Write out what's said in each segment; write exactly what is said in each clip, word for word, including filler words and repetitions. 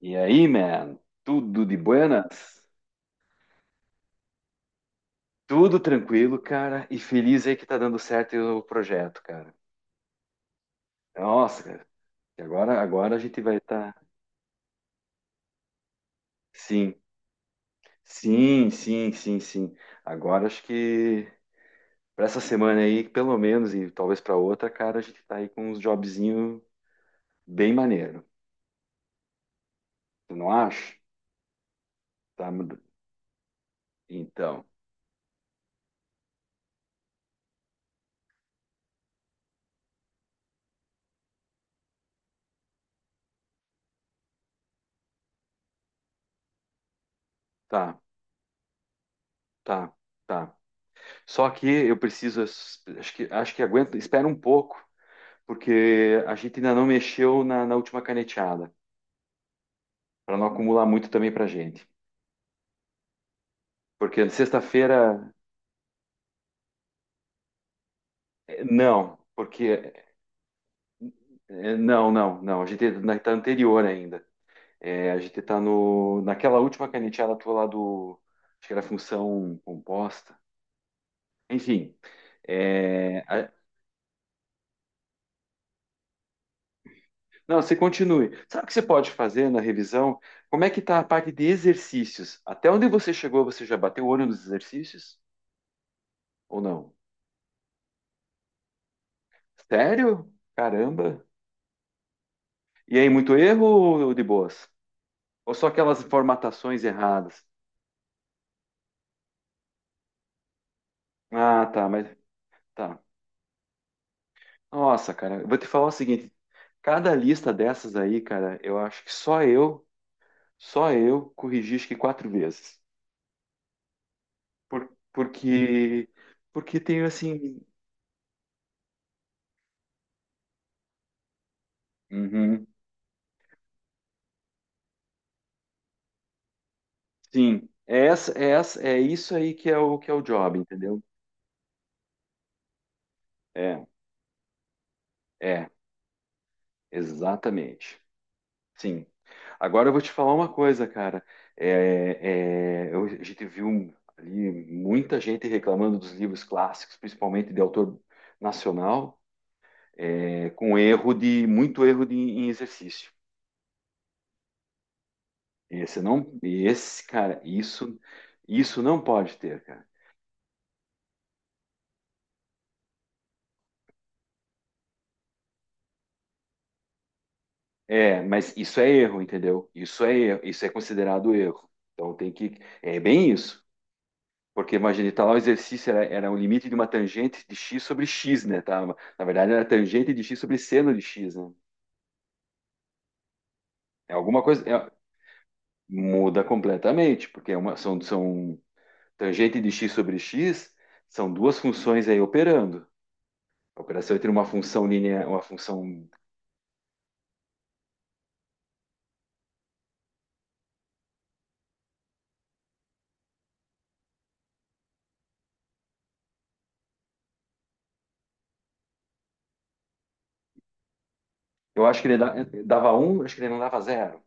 E aí, man? Tudo de buenas? Tudo tranquilo, cara, e feliz aí que tá dando certo o projeto, cara. Nossa, cara, e agora, agora a gente vai estar. Sim, sim, sim, sim, sim. Agora acho que para essa semana aí, pelo menos, e talvez para outra, cara, a gente tá aí com uns jobzinho bem maneiro. Tu não acha? Tá, então, tá, tá, tá. Só que eu preciso, acho que, acho que aguento, espera um pouco, porque a gente ainda não mexeu na, na última caneteada, para não acumular muito também para a gente. Porque sexta-feira, eh, não, porque eh, não, não, não, a gente está anterior ainda. Eh, a gente está no, naquela última caneteada tua lá do, acho que era função composta. Enfim, eh, a- não, você continue. Sabe o que você pode fazer na revisão? Como é que está a parte de exercícios? Até onde você chegou, você já bateu o olho nos exercícios? Ou não? Sério? Caramba! E aí, muito erro ou de boas? Ou só aquelas formatações erradas? Ah, tá, mas tá. Nossa, cara, eu vou te falar o seguinte: cada lista dessas aí, cara, eu acho que só eu, só eu corrigi acho que quatro vezes. Por, porque, porque tenho assim. Uhum, sim, é, essa, é, essa, é isso aí que é o que é o job, entendeu? É, é, exatamente. Sim. Agora eu vou te falar uma coisa, cara. É, é, eu- a gente viu ali muita gente reclamando dos livros clássicos, principalmente de autor nacional, é, com erro de muito erro de, em exercício. Esse não, esse cara, isso, isso não pode ter, cara. É, mas isso é erro, entendeu? Isso é erro, isso é considerado erro. Então tem que, é bem isso. Porque imagina, tá lá o exercício era, era o limite de uma tangente de x sobre x, né? Tá? Na verdade, era tangente de x sobre seno de x, né? É alguma coisa. É- muda completamente, porque é uma, são, são tangente de x sobre x, são duas funções aí operando. A operação entre uma função linear, uma função. Eu acho que ele dá- Dava um, acho que ele não dava zero.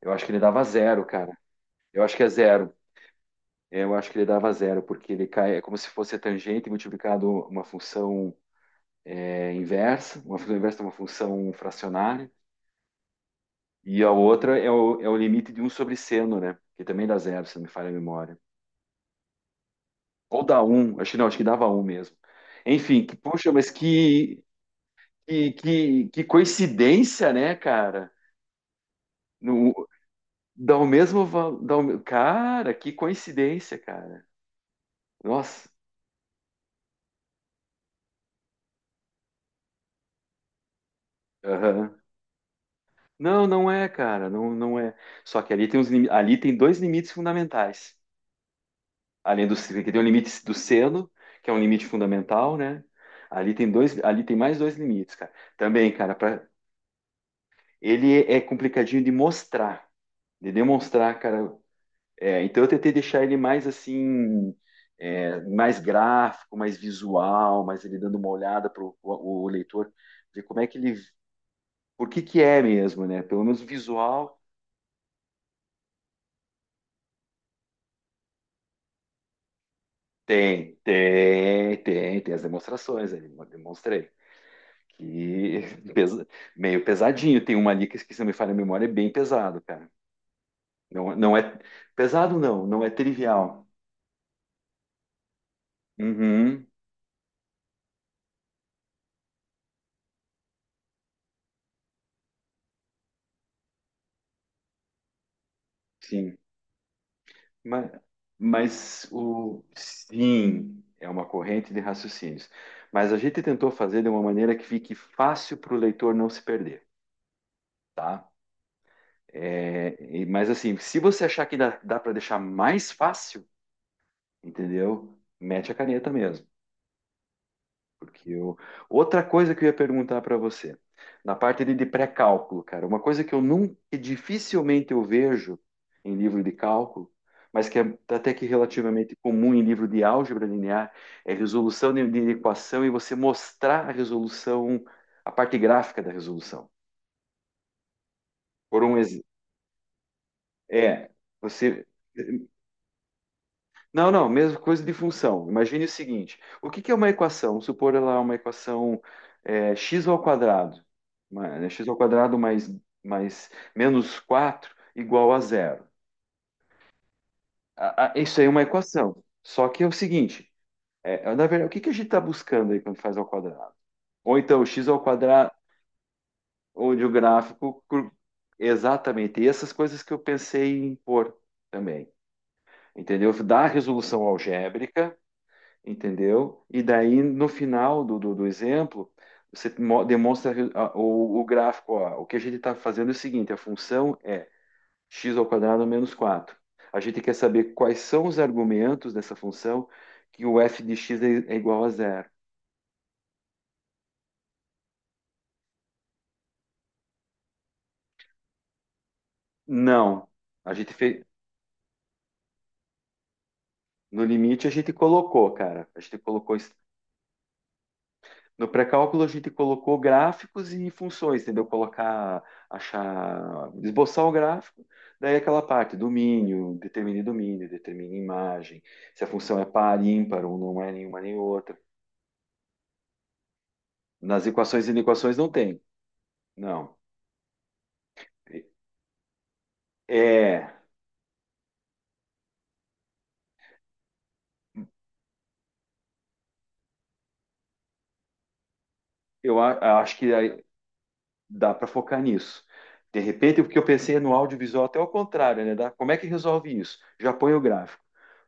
Eu acho que ele dava zero, cara. Eu acho que é zero. Eu acho que ele dava zero, porque ele cai, é como se fosse a tangente multiplicado uma função, é inversa, uma função inversa é uma função fracionária, e a outra é o, é o limite de um sobre seno, né? Que também dá zero, se não me falha a memória. Ou dá um, acho que não, acho que dava um mesmo. Enfim, que, poxa, mas que, que, que, que coincidência, né, cara? No, dá o mesmo valor. Cara, que coincidência, cara. Nossa. Aham. Não, não é, cara, não, não é. Só que ali tem, uns, lim- ali tem dois limites fundamentais. Além do que tem o limite do seno, que é um limite fundamental, né? Ali tem dois, ali tem mais dois limites, cara. Também, cara, para ele é complicadinho de mostrar, de demonstrar, cara. É, então eu tentei deixar ele mais assim, é, mais gráfico, mais visual, mais ele dando uma olhada para o leitor ver como é que ele, por que que é mesmo, né? Pelo menos visual tem, tem, tem, tem as demonstrações, ele demonstrei. Que pesa- meio pesadinho. Tem uma ali que, se não me falha a memória, é bem pesado, cara. Não, não é pesado, não, não é trivial. Uhum, sim. Mas, mas o sim é uma corrente de raciocínios. Mas a gente tentou fazer de uma maneira que fique fácil para o leitor não se perder, tá? É, e- mas assim, se você achar que dá, dá para deixar mais fácil, entendeu? Mete a caneta mesmo. Porque eu... Outra coisa que eu ia perguntar para você, na parte de, de pré-cálculo, cara, uma coisa que eu nunca, que dificilmente eu vejo em livro de cálculo, mas que é até que relativamente comum em livro de álgebra linear, é resolução de, de equação e você mostrar a resolução, a parte gráfica da resolução. Por um exemplo, é, você Não, não, mesma coisa de função. Imagine o seguinte: o que que é uma equação? Vamos supor ela é uma equação é, x ao quadrado, uma- né, x ao quadrado mais, mais menos quatro igual a zero. A- a- isso aí é uma equação. Só que é o seguinte: é, na verdade, o que que a gente está buscando aí quando faz ao quadrado? Ou então x ao quadrado, onde o gráfico cur- exatamente, e essas coisas que eu pensei em pôr também. Entendeu? Dá a resolução algébrica, entendeu? E daí, no final do, do, do exemplo, você mo- demonstra a- o, o gráfico. Ó, o que a gente está fazendo é o seguinte, a função é x ao quadrado menos quatro. A gente quer saber quais são os argumentos dessa função que o f de x é, é igual a zero. Não, a gente fez, no limite a gente colocou, cara, a gente colocou. No pré-cálculo a gente colocou gráficos e funções, entendeu? Colocar, achar, esboçar o gráfico, daí aquela parte, domínio, determine domínio, determine imagem, se a função é par, ímpar ou não é nenhuma nem outra. Nas equações e inequações não tem, não. É, eu a- Acho que aí dá para focar nisso. De repente, o que eu pensei no audiovisual até o contrário, né? Dá, como é que resolve isso? Já põe o gráfico.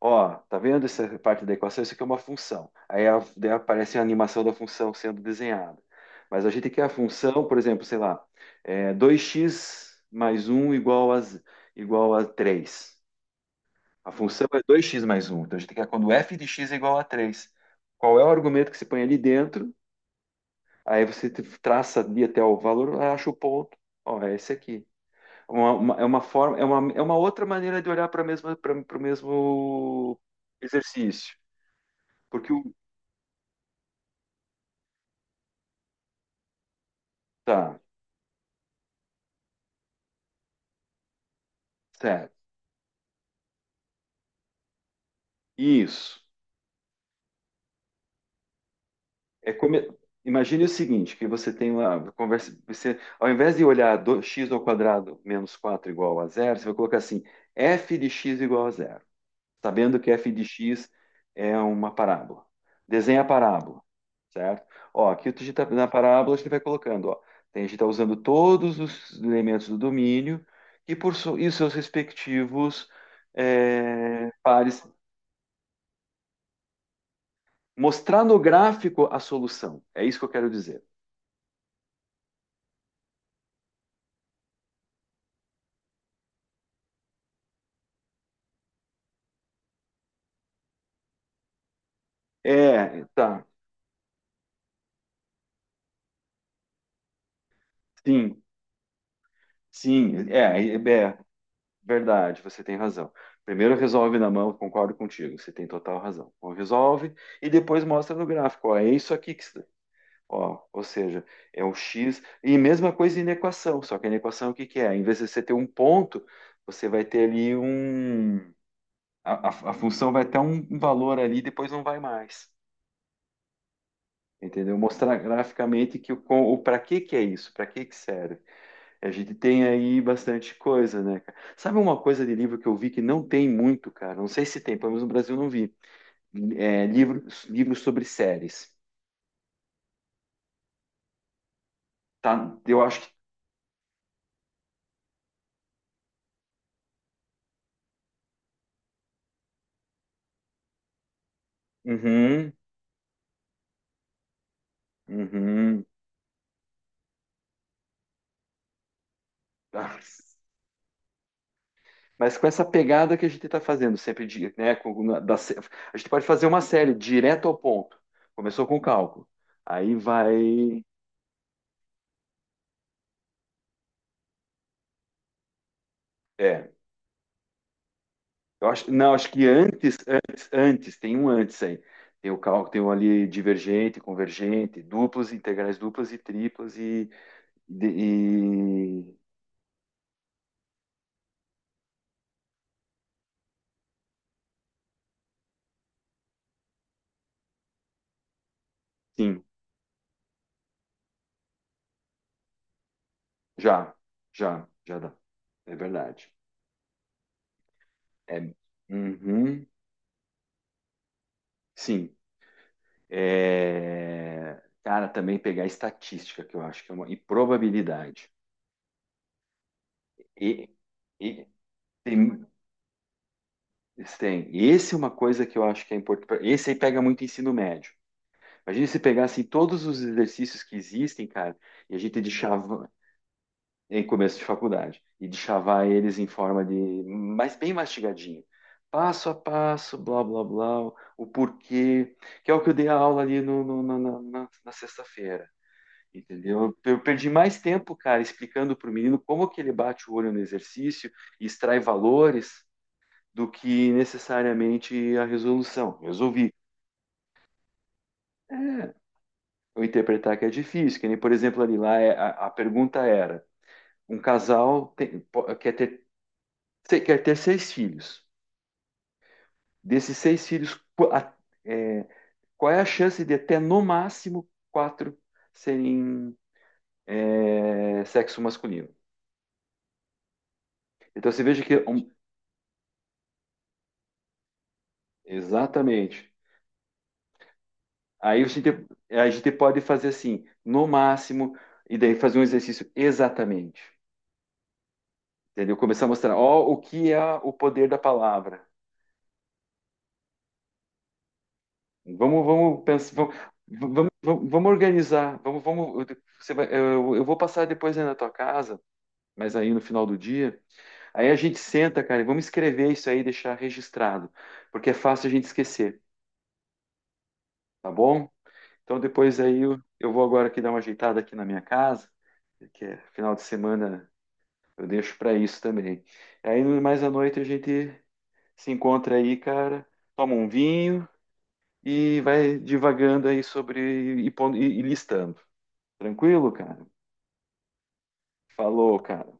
Ó, tá vendo essa parte da equação? Isso aqui é uma função. Aí ela- daí aparece a animação da função sendo desenhada. Mas a gente quer a função, por exemplo, sei lá, é dois x mais um igual a, z- igual a três. A função é dois x mais um. Então a gente quer quando f de x é igual a três. Qual é o argumento que se põe ali dentro? Aí você te- traça ali até o valor, acha o ponto. Ó, é esse aqui. Uma- uma- é uma forma, é uma, é uma outra maneira de olhar para mesma, para o mesmo exercício. Porque o. Tá, certo. Isso. É come... Imagine o seguinte, que você tem uma conversa, você, ao invés de olhar do- x ao quadrado menos quatro igual a zero, você vai colocar assim, f de x igual a zero, sabendo que f de x é uma parábola. Desenha a parábola, certo? Ó, aqui a gente tá, na parábola a gente vai colocando, ó, tem- a gente está usando todos os elementos do domínio e, por, su- e seus respectivos eh, pares. Mostrar no gráfico a solução. É isso que eu quero dizer. É, tá. Sim, sim. É, é, é verdade, você tem razão. Primeiro resolve na mão, concordo contigo, você tem total razão. Então, resolve e depois mostra no gráfico. Ó, é isso aqui que você... Ó, ou seja, é o x. E mesma coisa em equação, só que na equação o que que é? Em vez de você ter um ponto, você vai ter ali um. A, a- a função vai ter um valor ali, depois não vai mais. Entendeu? Mostrar graficamente que o, com- o para que que é isso, para que que serve. A gente tem aí bastante coisa, né, cara? Sabe uma coisa de livro que eu vi que não tem muito, cara? Não sei se tem, pelo menos no Brasil não vi. É, livro, livro sobre séries. Tá? Eu acho que. Uhum, uhum. Ah, mas com essa pegada que a gente está fazendo sempre, de, né? Com- na- da sé- a gente pode fazer uma série direto ao ponto. Começou com cálculo. Aí vai. É. Eu acho, não, acho que antes, antes, antes, tem um antes aí. Tem o cálculo, tem um ali divergente, convergente, duplas, integrais duplas e triplas e, de- e- sim, já, já, já dá. É verdade. É, uhum, sim. É, cara, também pegar estatística, que eu acho que é uma, e probabilidade. E, e tem, tem. Esse é uma coisa que eu acho que é importante. Esse aí pega muito ensino médio. Imagina se pegassem todos os exercícios que existem, cara, e a gente deixava em começo de faculdade, e deixava eles em forma de, mas bem mastigadinho. Passo a passo, blá, blá, blá, o porquê, que é o que eu dei a aula ali no, no- na, na- na- na sexta-feira, entendeu? Eu, eu perdi mais tempo, cara, explicando para o menino como que ele bate o olho no exercício e extrai valores do que necessariamente a resolução. Resolvi, eu interpretar que é difícil. Que nem, por exemplo, ali lá é- a, a pergunta era: um casal tem- po- quer ter, se- quer ter seis filhos. Desses seis filhos, qu- a- é, qual é a chance de até no máximo quatro serem é, sexo masculino? Então você veja que é um... Exatamente. Aí você inter- a gente pode fazer assim, no máximo, e daí fazer um exercício exatamente. Entendeu? Começar a mostrar, ó, o que é o poder da palavra. Vamos, vamos pensar, vamos, vamos, vamos vamos organizar. Vamos, vamos, você vai, eu, eu vou passar depois aí na tua casa, mas aí no final do dia. Aí a gente senta, cara, e vamos escrever isso aí, e deixar registrado, porque é fácil a gente esquecer, tá bom? Então depois aí eu, eu vou agora aqui dar uma ajeitada aqui na minha casa, que é final de semana eu deixo para isso também. Aí mais à noite a gente se encontra aí, cara, toma um vinho e vai divagando aí sobre e pondo- e- e listando. Tranquilo, cara? Falou, cara.